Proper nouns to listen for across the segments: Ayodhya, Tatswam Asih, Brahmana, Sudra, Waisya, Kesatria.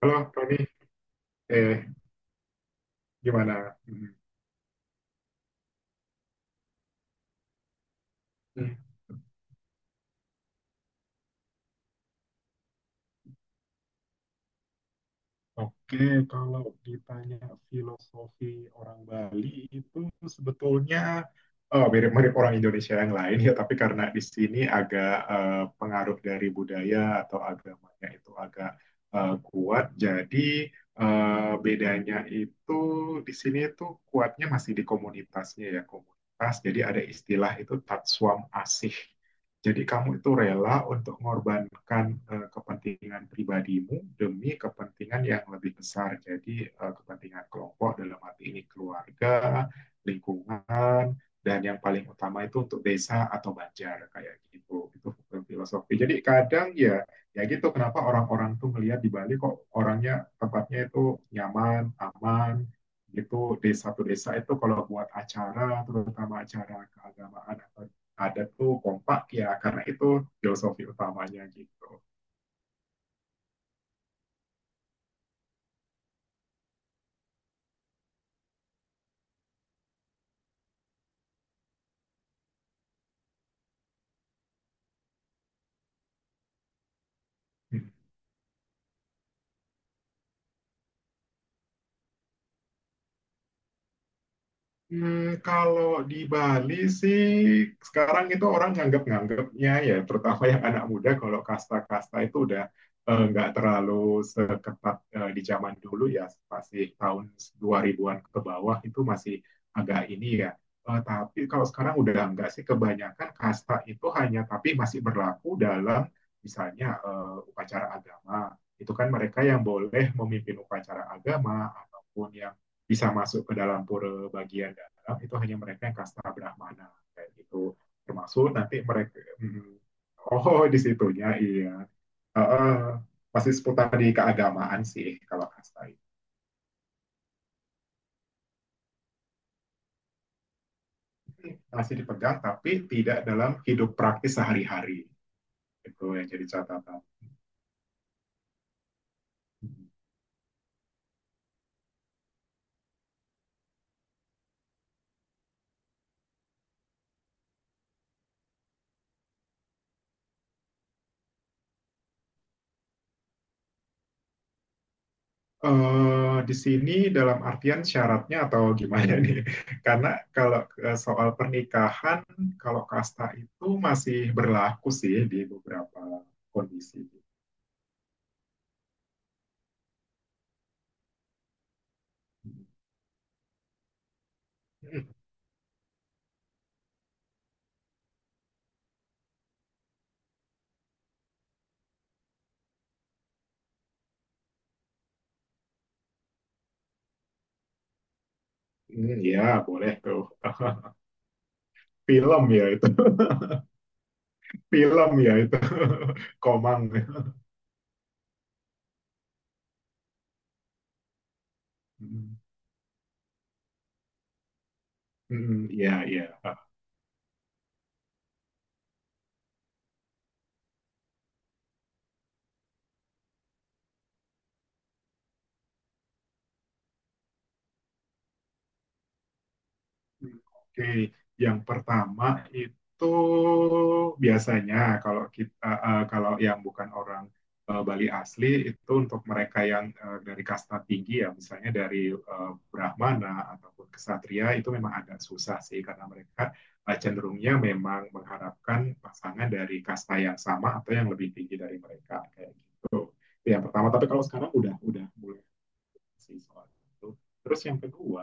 Halo, Tony. Eh, gimana? Hmm. Hmm, Oke, kalau ditanya filosofi orang Bali itu sebetulnya. Oh, mirip-mirip orang Indonesia yang lain ya, tapi karena di sini agak pengaruh dari budaya atau agamanya itu agak kuat, jadi eh, bedanya itu di sini itu kuatnya masih di komunitasnya ya, komunitas. Jadi ada istilah itu Tatswam Asih. Jadi kamu itu rela untuk mengorbankan kepentingan pribadimu demi kepentingan yang lebih besar. Jadi kepentingan kelompok dalam arti ini keluarga, lingkungan, dan yang paling utama itu untuk desa atau banjar kayak gitu. Itu filosofi. Jadi kadang ya ya gitu, kenapa orang-orang tuh melihat di Bali kok orangnya, tempatnya itu nyaman, aman, gitu. Desa, satu desa itu kalau buat acara, terutama acara keagamaan atau ada tuh, kompak ya, karena itu filosofi utamanya gitu. Hmm. Kalau di Bali sih sekarang itu orang nganggap-nganggapnya ya, terutama yang anak muda, kalau kasta-kasta itu udah nggak terlalu seketat di zaman dulu ya, masih tahun 2000-an ke bawah itu masih agak ini ya. Tapi kalau sekarang udah nggak sih kebanyakan, kasta itu hanya tapi masih berlaku dalam misalnya upacara agama, itu kan mereka yang boleh memimpin upacara agama ataupun yang bisa masuk ke dalam pura bagian dalam itu hanya mereka yang kasta Brahmana kayak gitu, termasuk nanti mereka. Oh, di situnya iya. Uh, uh, masih seputar di keagamaan sih kalau kasta itu masih dipegang tapi tidak dalam hidup praktis sehari-hari, itu yang jadi catatan. Di sini dalam artian syaratnya atau gimana nih? Karena kalau soal pernikahan, kalau kasta itu masih berlaku sih di beberapa kondisi. Hmm, ya, boleh tuh. Film ya itu. Film ya itu. Komang. Hmm, hmm, ya, ya. Oke, yang pertama itu biasanya kalau kita kalau yang bukan orang Bali asli itu, untuk mereka yang dari kasta tinggi ya, misalnya dari Brahmana ataupun kesatria, itu memang agak susah sih karena mereka cenderungnya memang mengharapkan pasangan dari kasta yang sama atau yang lebih tinggi dari mereka kayak gitu. Itu yang pertama. Tapi kalau sekarang udah mulai sih soal itu. Terus yang kedua,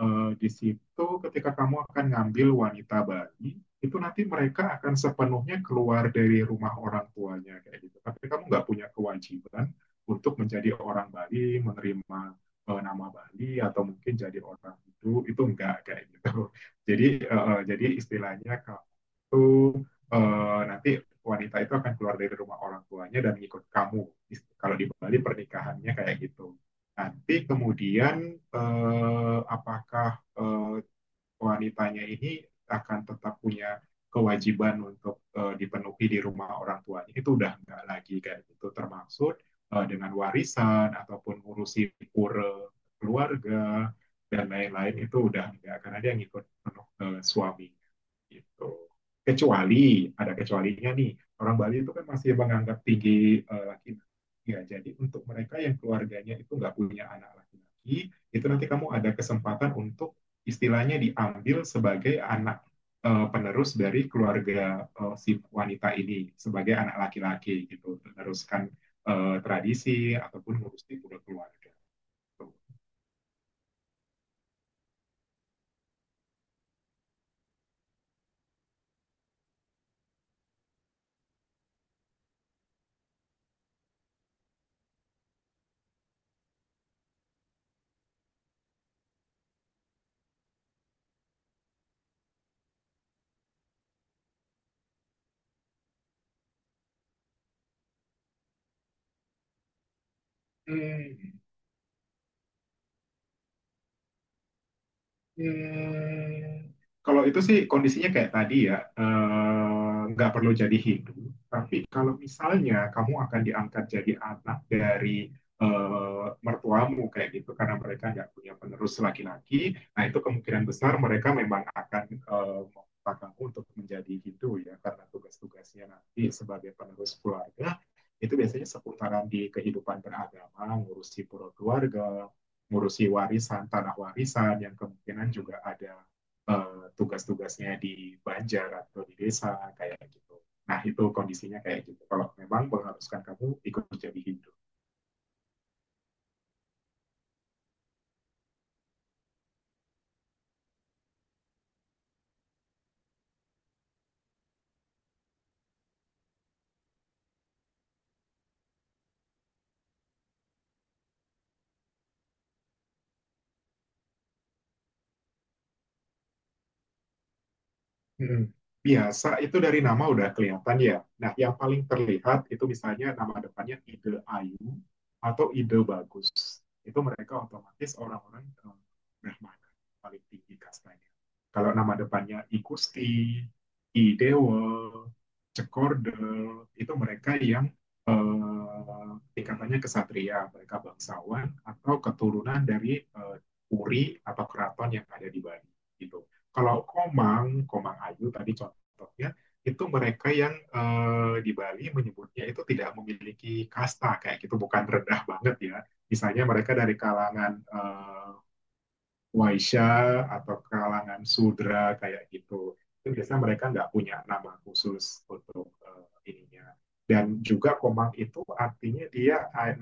di situ ketika kamu akan ngambil wanita bayi, itu nanti mereka akan sepenuhnya keluar dari rumah orang tuanya kayak gitu. Tapi kamu nggak punya kewajiban untuk menjadi orang Bali, menerima nama Bali, atau mungkin jadi orang itu enggak kayak gitu. Jadi istilahnya kamu tuh nanti wanita itu akan keluar dari rumah orang tuanya dan ngikut kamu. Kalau di Bali pernikahannya kayak gitu. Nanti kemudian apakah eh, wanitanya ini akan tetap punya kewajiban untuk dipenuhi di rumah orang tuanya, itu udah nggak lagi kayak gitu, termaksud dengan warisan ataupun ngurusi pura keluarga dan lain-lain, itu udah nggak, karena dia ngikut penuh suami gitu. Kecuali, ada kecualinya nih, orang Bali itu kan masih menganggap tinggi laki-laki. Ya, jadi untuk mereka yang keluarganya itu nggak punya anak laki-laki, itu nanti kamu ada kesempatan untuk istilahnya diambil sebagai anak penerus dari keluarga si wanita ini, sebagai anak laki-laki gitu, meneruskan tradisi ataupun ngurusin keluarga. Gitu. Hmm. Hmm, kalau itu sih kondisinya kayak tadi ya, nggak perlu jadi Hindu. Tapi kalau misalnya kamu akan diangkat jadi anak dari mertuamu kayak gitu, karena mereka nggak punya penerus laki-laki, nah itu kemungkinan besar mereka memang akan meminta kamu untuk menjadi Hindu ya, karena tugas-tugasnya nanti sebagai penerus keluarga itu biasanya seputaran di kehidupan beragama, ngurusi pura keluarga, ngurusi warisan, tanah warisan, yang kemungkinan juga ada tugas-tugasnya di Banjar atau di desa kayak gitu. Nah, itu kondisinya kayak gitu. Kalau memang mengharuskan kamu ikut jadi himpunan. Mm-mm. Biasa itu dari nama udah kelihatan ya. Nah, yang paling terlihat itu misalnya nama depannya ide ayu atau ide bagus. Itu mereka otomatis orang-orang Brahmana, paling tinggi kastanya. Kalau nama depannya I Kusti, I Dewa, Cekorde, itu mereka yang tingkatannya kesatria, mereka bangsawan atau keturunan dari puri atau keraton yang ada di Bali gitu. Kalau Komang, Komang Ayu tadi contohnya, itu mereka yang di Bali menyebutnya itu tidak memiliki kasta kayak gitu, bukan rendah banget ya. Misalnya mereka dari kalangan Waisya atau kalangan Sudra kayak gitu. Itu biasanya mereka nggak punya nama khusus untuk ininya. Dan juga Komang itu artinya dia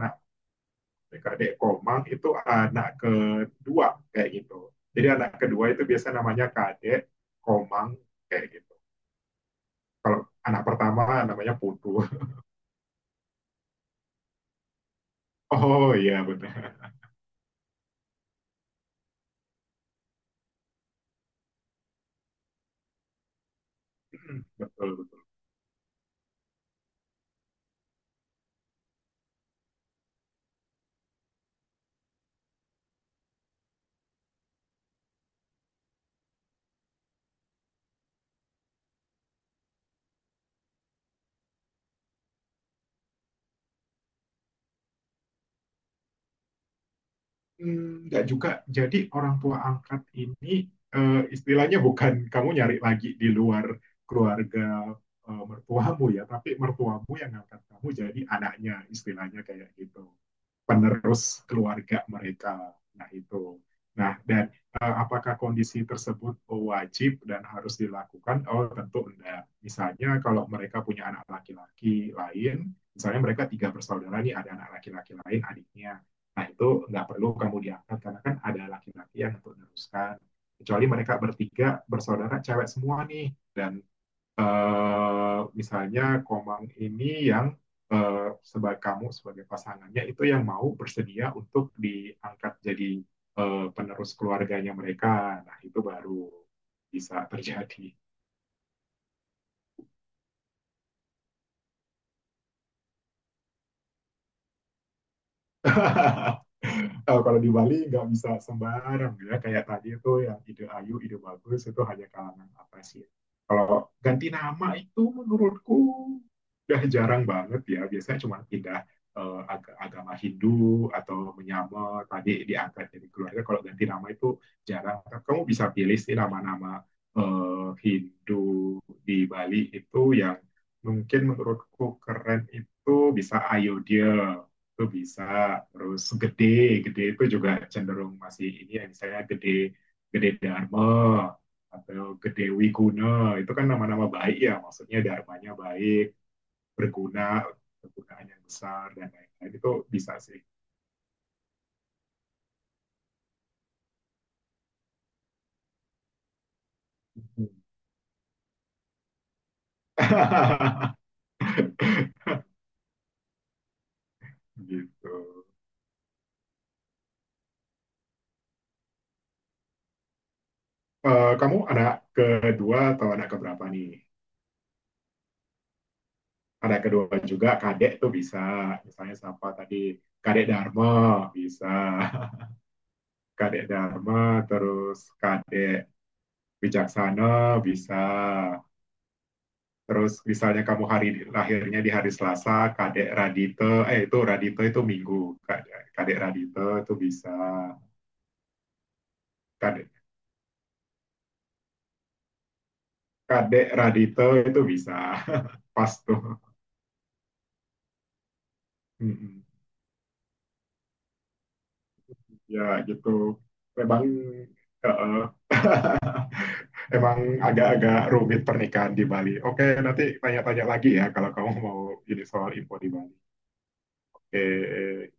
adik, Komang itu anak kedua kayak gitu. Jadi anak kedua itu biasa namanya kadek, Komang kayak gitu. Kalau anak pertama namanya Putu. Oh, iya, benar. Betul, betul. Enggak juga. Jadi orang tua angkat ini istilahnya bukan kamu nyari lagi di luar keluarga mertuamu ya, tapi mertuamu yang angkat kamu jadi anaknya istilahnya kayak gitu, penerus keluarga mereka. Nah, itu. Nah, dan apakah kondisi tersebut wajib dan harus dilakukan? Oh, tentu enggak. Misalnya kalau mereka punya anak laki-laki lain, misalnya mereka tiga bersaudara nih, ada anak laki-laki lain, adiknya. Nah, itu nggak perlu kamu diangkat karena kan ada laki-laki yang untuk meneruskan. Kecuali mereka bertiga bersaudara cewek semua nih, dan misalnya Komang ini yang sebagai kamu sebagai pasangannya itu yang mau bersedia untuk diangkat jadi penerus keluarganya mereka. Nah, itu baru bisa terjadi. Kalau di Bali nggak bisa sembarang ya, kayak tadi itu yang ide ayu, ide bagus itu hanya kalangan atas ya. Kalau ganti nama itu menurutku udah jarang banget ya, biasanya cuma pindah agama Hindu atau menyamar tadi diangkat jadi keluarga. Kalau ganti nama itu jarang, kamu bisa pilih sih nama-nama Hindu di Bali itu yang mungkin menurutku keren itu, bisa Ayodhya, itu bisa. Terus gede, gede itu juga cenderung masih ini ya, misalnya gede, gede Dharma atau gede Wiguna, itu kan nama-nama baik ya, maksudnya dharmanya baik, berguna, kegunaan yang besar dan lain-lain, itu bisa sih. Gitu. Kamu anak kedua atau anak keberapa nih? Anak kedua juga, kadek tuh bisa, misalnya siapa tadi, kadek Dharma bisa. Kadek Dharma, terus Kadek Wijaksana bisa. Terus misalnya kamu hari lahirnya di hari Selasa, Kadek Radite, eh itu Radite itu Minggu. Kadek Radite itu bisa. Kadek, kadek Radite itu bisa. Pas tuh. Ya gitu. Memang eh, emang agak-agak rumit pernikahan di Bali. Oke, nanti tanya-tanya lagi ya kalau kamu mau ini soal info di Bali. Oke,